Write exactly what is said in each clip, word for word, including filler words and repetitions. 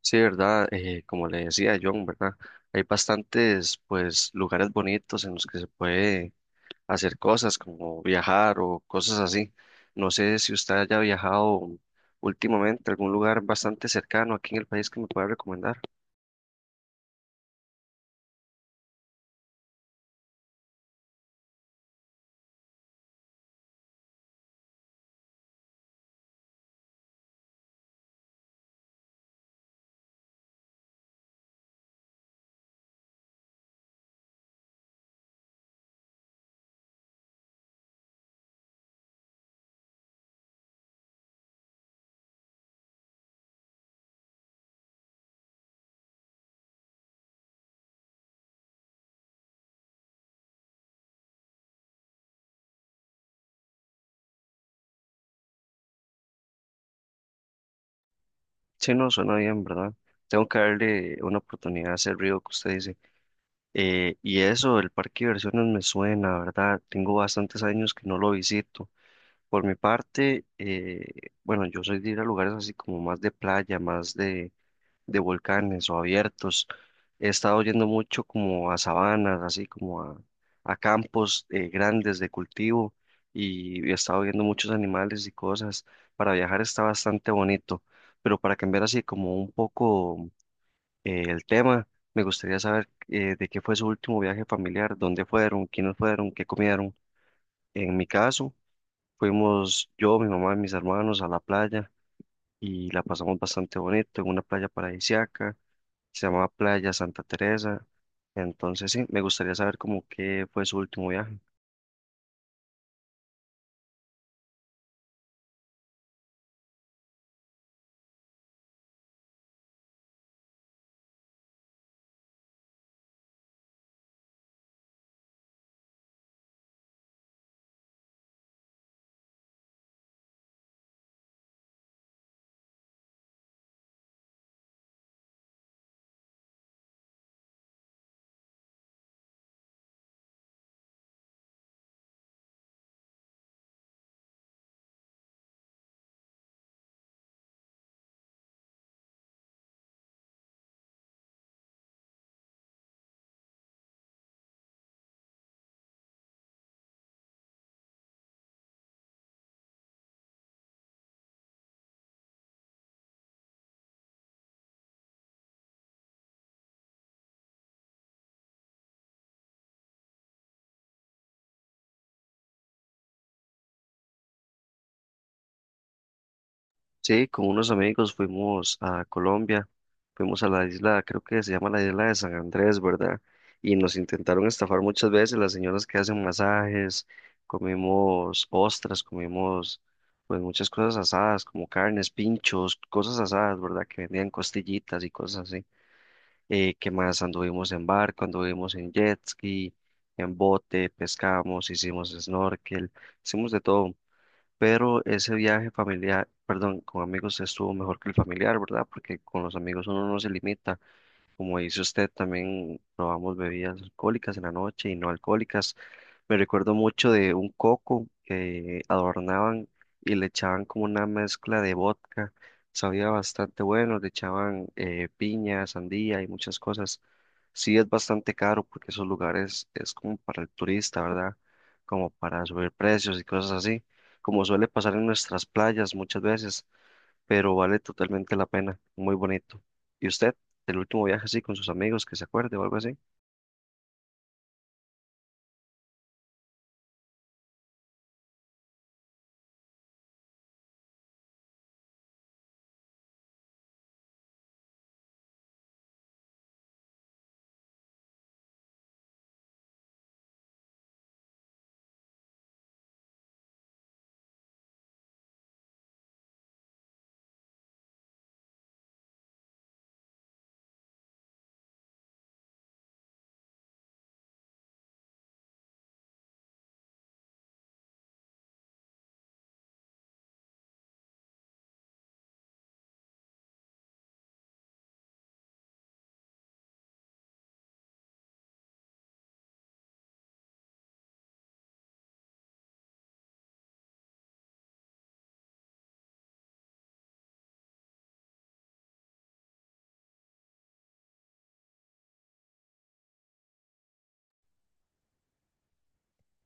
Sí, ¿verdad? Eh, como le decía John, ¿verdad? Hay bastantes, pues, lugares bonitos en los que se puede hacer cosas como viajar o cosas así. No sé si usted haya viajado últimamente a algún lugar bastante cercano aquí en el país que me pueda recomendar. Sí, no, suena bien, ¿verdad? Tengo que darle una oportunidad a ese río que usted dice. Eh, y eso, el parque de diversiones me suena, ¿verdad? Tengo bastantes años que no lo visito. Por mi parte, eh, bueno, yo soy de ir a lugares así como más de playa, más de, de volcanes o abiertos. He estado yendo mucho como a sabanas, así como a, a campos eh, grandes de cultivo y he estado viendo muchos animales y cosas. Para viajar está bastante bonito, pero para cambiar así como un poco eh, el tema, me gustaría saber eh, de qué fue su último viaje familiar, dónde fueron, quiénes fueron, qué comieron. En mi caso... Fuimos yo, mi mamá y mis hermanos a la playa y la pasamos bastante bonito en una playa paradisíaca, se llamaba Playa Santa Teresa. Entonces sí, me gustaría saber como qué fue su último viaje. Sí, con unos amigos fuimos a Colombia, fuimos a la isla, creo que se llama la isla de San Andrés, ¿verdad? Y nos intentaron estafar muchas veces las señoras que hacen masajes, comimos ostras, comimos pues muchas cosas asadas, como carnes, pinchos, cosas asadas, ¿verdad? Que vendían costillitas y cosas así. Eh, ¿qué más? Anduvimos en barco, anduvimos en jet ski, en bote, pescamos, hicimos snorkel, hicimos de todo pero ese viaje familiar, perdón, con amigos estuvo mejor que el familiar, ¿verdad? Porque con los amigos uno no se limita. Como dice usted, también probamos bebidas alcohólicas en la noche y no alcohólicas. Me recuerdo mucho de un coco que adornaban y le echaban como una mezcla de vodka. Sabía bastante bueno, le echaban eh, piña, sandía y muchas cosas. Sí es bastante caro porque esos lugares es como para el turista, ¿verdad? Como para subir precios y cosas así, como suele pasar en nuestras playas muchas veces pero vale totalmente la pena, muy bonito. ¿Y usted, el último viaje así con sus amigos, que se acuerde o algo así?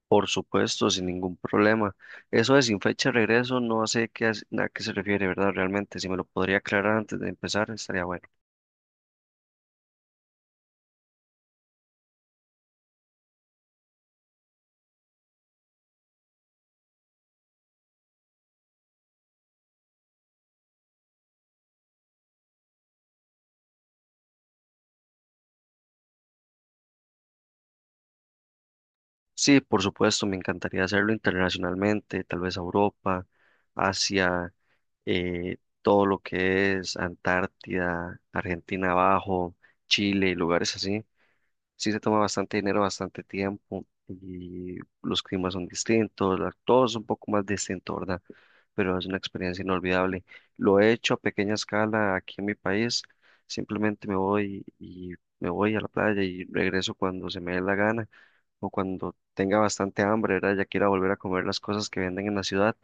Por supuesto, sin ningún problema. Eso de sin fecha de regreso, no sé qué, as- a qué se refiere, ¿verdad? Realmente, si me lo podría aclarar antes de empezar, estaría bueno. Sí, por supuesto, me encantaría hacerlo internacionalmente, tal vez a Europa, Asia, eh, todo lo que es Antártida, Argentina abajo, Chile y lugares así. Sí se toma bastante dinero, bastante tiempo y los climas son distintos, la- todo es un poco más distinto, ¿verdad? Pero es una experiencia inolvidable. Lo he hecho a pequeña escala aquí en mi país, simplemente me voy y me voy a la playa y regreso cuando se me dé la gana o cuando tenga bastante hambre, ¿verdad? Ya quiera volver a comer las cosas que venden en la ciudad,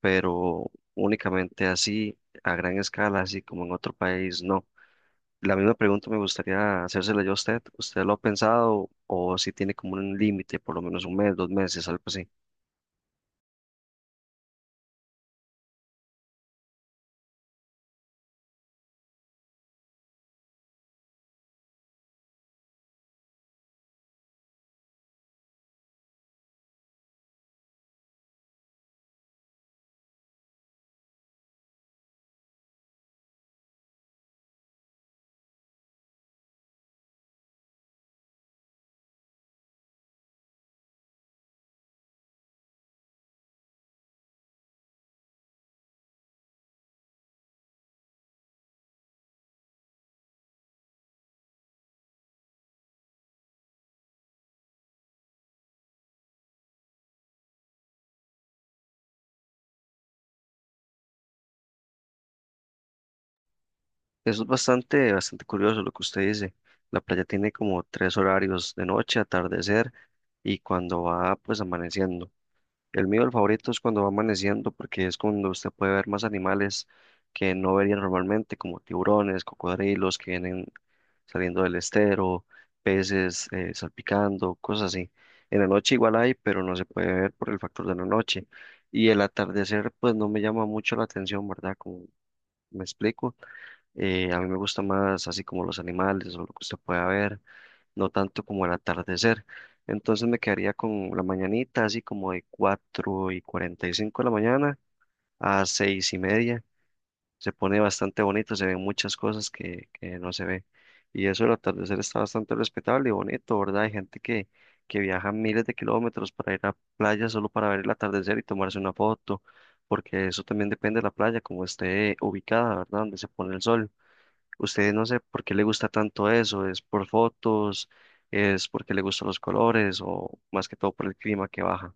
pero únicamente así, a gran escala, así como en otro país, no. La misma pregunta me gustaría hacérsela yo a usted. ¿Usted lo ha pensado o si tiene como un límite, por lo menos un mes, dos meses, algo así? Eso es bastante, bastante curioso lo que usted dice. La playa tiene como tres horarios de noche, atardecer y cuando va pues amaneciendo. El mío, el favorito, es cuando va amaneciendo, porque es cuando usted puede ver más animales que no vería normalmente, como tiburones, cocodrilos que vienen saliendo del estero, peces eh, salpicando, cosas así. En la noche igual hay, pero no se puede ver por el factor de la noche. Y el atardecer, pues no me llama mucho la atención, ¿verdad? Como me explico, eh, a mí me gusta más así como los animales o lo que usted pueda ver no tanto como el atardecer. Entonces me quedaría con la mañanita, así como de cuatro y cuarenta y cinco de la mañana a seis y media. Se pone bastante bonito, se ven muchas cosas que, que no se ve. Y eso el atardecer está bastante respetable y bonito, ¿verdad? Hay gente que, que viaja miles de kilómetros para ir a playa solo para ver el atardecer y tomarse una foto, porque eso también depende de la playa, como esté ubicada, ¿verdad? Donde se pone el sol. Usted no sé por qué le gusta tanto eso, ¿es por fotos, es porque le gustan los colores o más que todo por el clima que baja?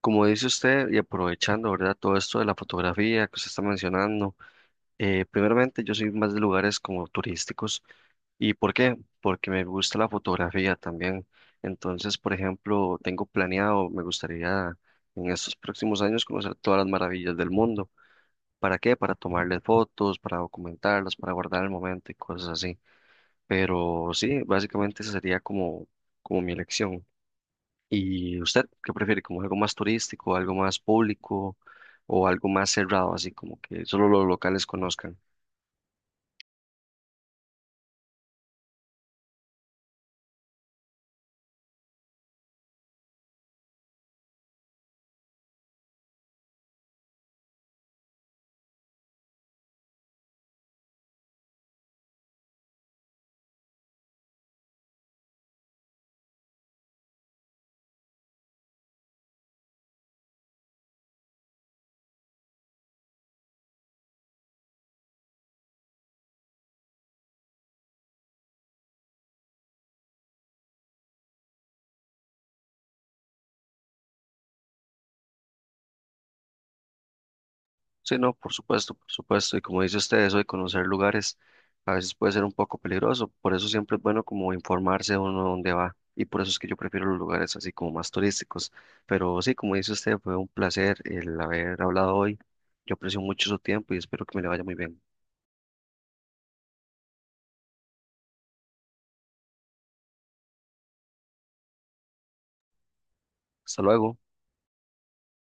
Como dice usted, y aprovechando, ¿verdad? Todo esto de la fotografía que usted está mencionando, eh, primeramente yo soy más de lugares como turísticos. ¿Y por qué? Porque me gusta la fotografía también. Entonces, por ejemplo, tengo planeado, me gustaría en estos próximos años conocer todas las maravillas del mundo. ¿Para qué? Para tomarle fotos, para documentarlas, para guardar el momento y cosas así. Pero sí, básicamente esa sería como, como, mi elección. ¿Y usted qué prefiere? ¿Como algo más turístico, algo más público o algo más cerrado, así como que solo los locales conozcan? Sí, no, por supuesto, por supuesto. Y como dice usted, eso de conocer lugares a veces puede ser un poco peligroso. Por eso siempre es bueno como informarse uno dónde va. Y por eso es que yo prefiero los lugares así como más turísticos. Pero sí, como dice usted, fue un placer el haber hablado hoy. Yo aprecio mucho su tiempo y espero que me le vaya muy bien. Hasta luego.